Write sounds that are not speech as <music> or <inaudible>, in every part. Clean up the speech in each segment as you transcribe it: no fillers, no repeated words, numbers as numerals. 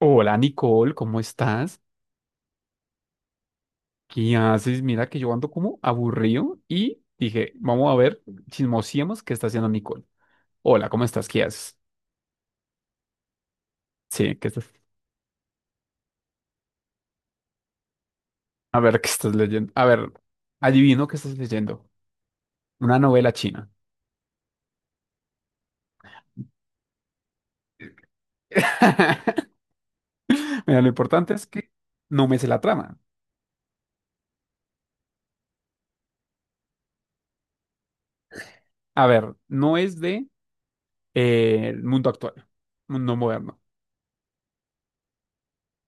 Hola Nicole, ¿cómo estás? ¿Qué haces? Mira que yo ando como aburrido y dije, vamos a ver, chismosiemos qué está haciendo Nicole. Hola, ¿cómo estás? ¿Qué haces? Sí, ¿qué estás? A ver, ¿qué estás leyendo? A ver, adivino qué estás leyendo. Una novela china. <laughs> Mira, lo importante es que no me sé la trama. A ver, no es de el mundo actual, mundo moderno.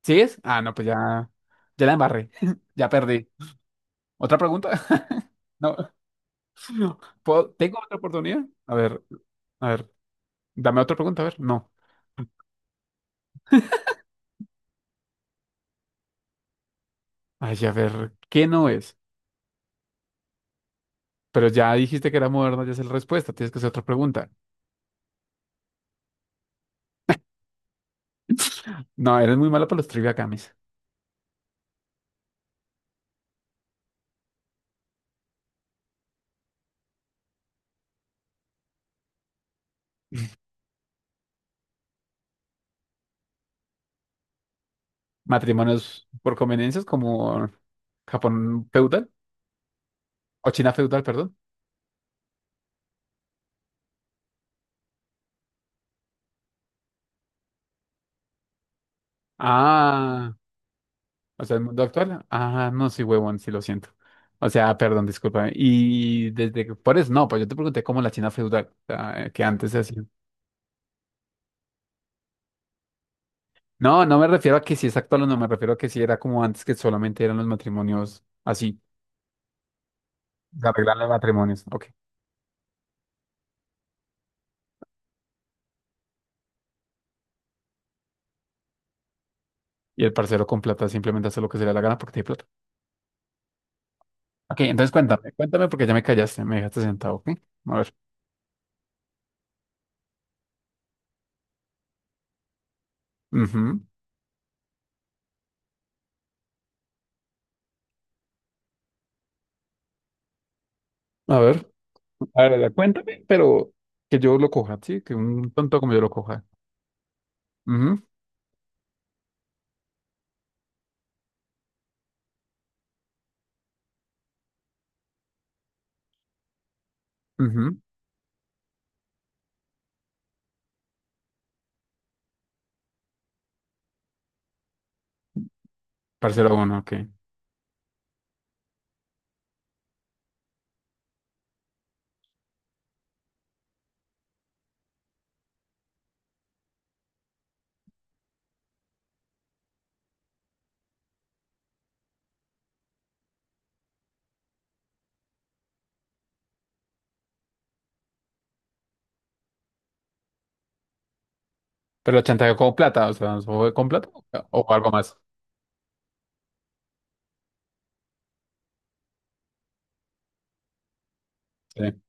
¿Sí es? Ah, no, pues ya, ya la embarré, <laughs> ya perdí. ¿Otra pregunta? <laughs> No. ¿Tengo otra oportunidad? A ver, dame otra pregunta, a ver, no. Ay, a ver, ¿qué no es? Pero ya dijiste que era moderno, ya es la respuesta, tienes que hacer otra pregunta. No, eres muy malo para los trivia games. Matrimonios por conveniencias como Japón feudal o China feudal, perdón. Ah, o sea, el mundo actual. Ah, no, sí, huevón, sí lo siento. O sea, perdón, discúlpame. Y desde que por eso, no, pues yo te pregunté cómo la China feudal, o sea, que antes se hacía. No, no me refiero a que si es actual o no, me refiero a que si era como antes que solamente eran los matrimonios así, se arreglan los matrimonios, ok. Y el parcero con plata simplemente hace lo que se le da la gana porque tiene plata. Ok, entonces cuéntame, cuéntame porque ya me callaste, me dejaste sentado, ok. A ver, ujú. A ver, a ver, a ver, cuéntame, pero que yo lo coja, sí, que un tonto como yo lo coja. Ujú, ujú. Parcero uno, ok. Pero lo chantajeó con plata, o sea, ¿fue con plata o algo más? Sí,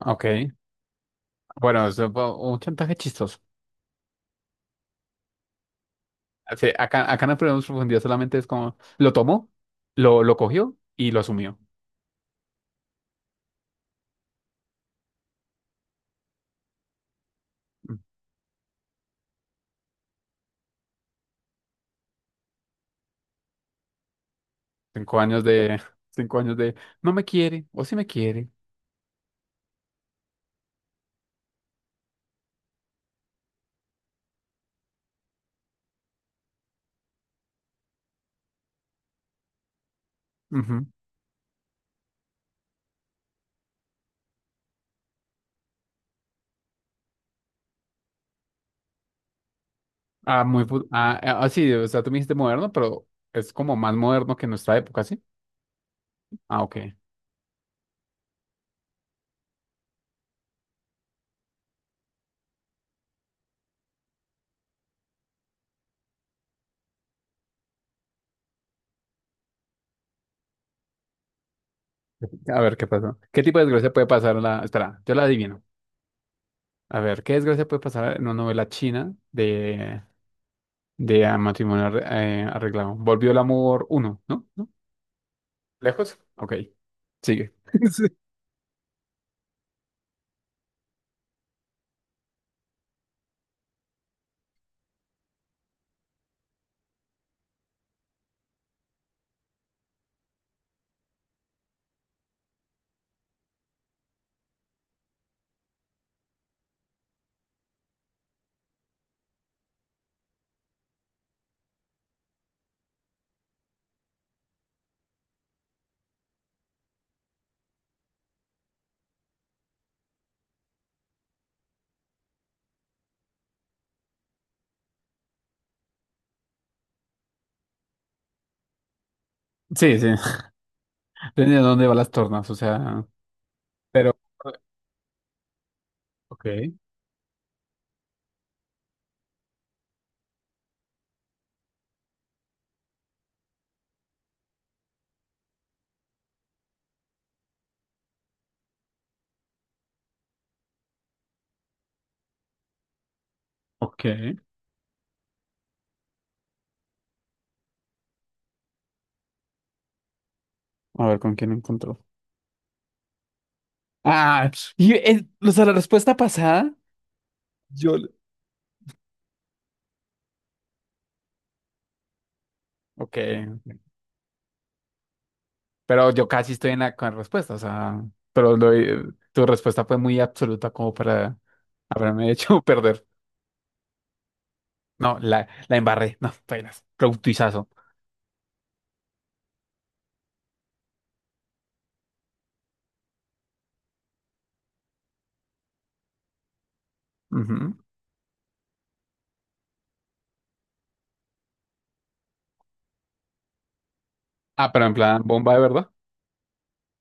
ok. Bueno, eso fue un chantaje chistoso. Sí, acá, acá no perdemos profundidad, solamente es como lo tomó, lo cogió y lo asumió. Mm. 5 años de, <laughs> 5 años de no me quiere o sí me quiere. Ujú. Ah, muy, sí, o sea, tú me dijiste moderno, pero es como más moderno que nuestra época, ¿sí? Ah, ok. A ver, ¿qué pasó? ¿Qué tipo de desgracia puede pasar en la... Espera, yo la adivino. A ver, ¿qué desgracia puede pasar en una novela china de arreglado? Volvió el amor uno, ¿no? ¿No? ¿Lejos? Ok, sigue. <laughs> Sí, sí. Depende de dónde va las tornas, o sea, pero, ok, ok, a ver con quién encontró. Ah, y o sea, la respuesta pasada, yo, ok, ok. Pero yo casi estoy en la con la respuesta, o sea, pero lo- eh, tu respuesta fue muy absoluta como para haberme hecho <laughs> perder. No, la embarré, no, apenas, productizazo. Ujú. Ah, pero en plan, bomba de verdad. <laughs>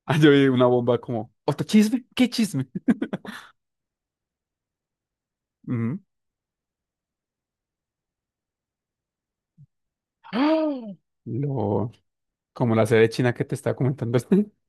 Ah, yo vi una bomba como, ¿otro chisme? ¿Qué chisme? <laughs> Ujú. <gasps> ¡Ah! Lo... Como la sede china que te estaba comentando. <laughs>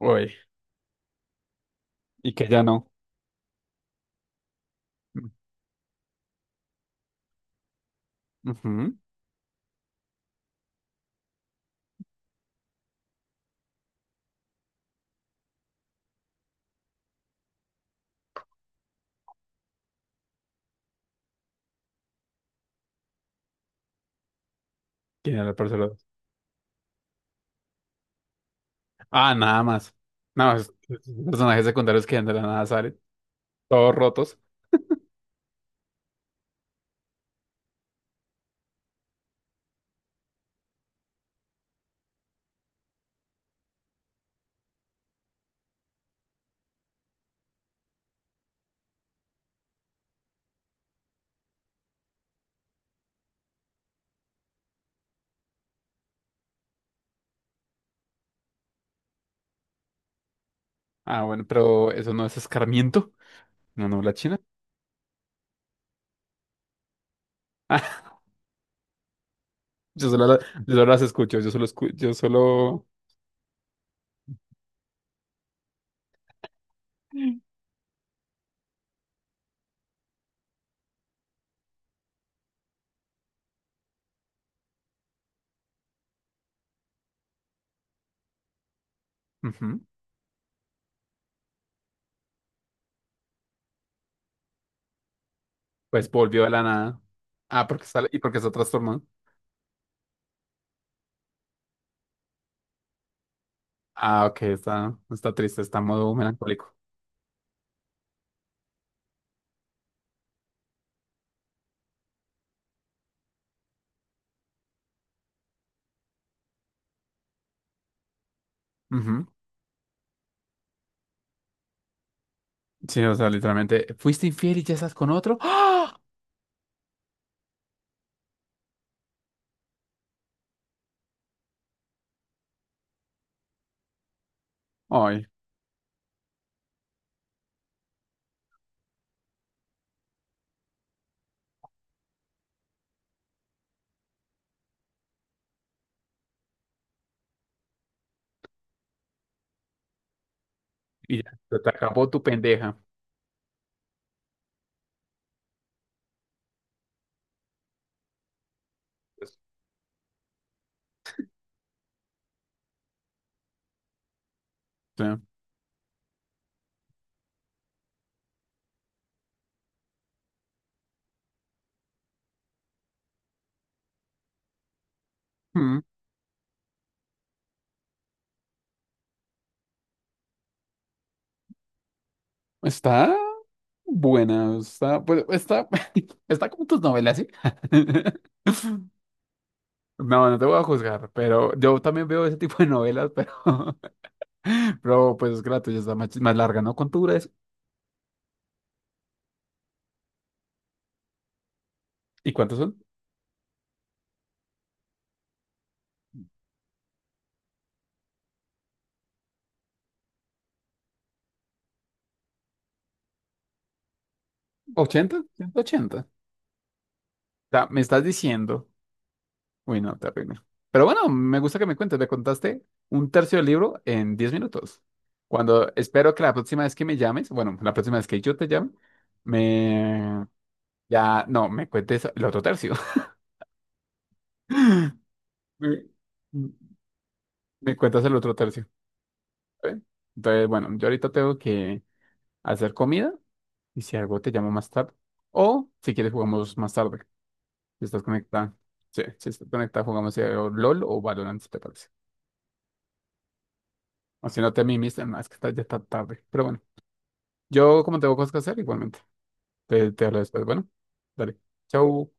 Uy, y que ya no. Ujú. ¿Quién era el parcero dos? Ah, nada más. Nada más, esos personajes secundarios que ya de la nada salen. Todos rotos. Ah, bueno, pero eso no es escarmiento. No, no, la china. <laughs> Yo solo, yo solo las escucho. Yo solo yo solo. Ujú. Pues volvió de la nada. Ah, porque sale. Y porque está trastornado. Ah, ok, está, está triste, está en modo melancólico. Ujú. Sí, o sea, literalmente, ¿fuiste infiel y ya estás con otro? ¡Ah! Ay, y ya, se te acabó tu pendeja. Pues, o sea, mm, está buena, está, pues, está, <laughs> está como tus novelas, ¿sí? <laughs> No, no te voy a juzgar, pero yo también veo ese tipo de novelas, pero, <laughs> pero pues es gratis, ya está más, más larga, ¿no? ¿Cuánto dura eso? ¿Y cuántos son? 80, 180, o sea, me estás diciendo. Uy, no, terrible. Pero bueno, me gusta que me cuentes. Me contaste un tercio del libro en 10 minutos. Cuando espero que la próxima vez que me llames, bueno, la próxima vez que yo te llame, me... Ya, no, me cuentes el otro tercio. <laughs> Me, me cuentas el otro tercio. ¿Vale? Entonces, bueno, yo ahorita tengo que hacer comida y si algo te llamo más tarde. O si quieres jugamos más tarde. Si estás conectada. Sí, si estás conectada jugamos o LOL o Valorant, si te parece. O si no te mimiste, no, es que está- ya está tarde. Pero bueno, yo como tengo cosas que hacer, igualmente. Te hablo después. Bueno, dale. Chau.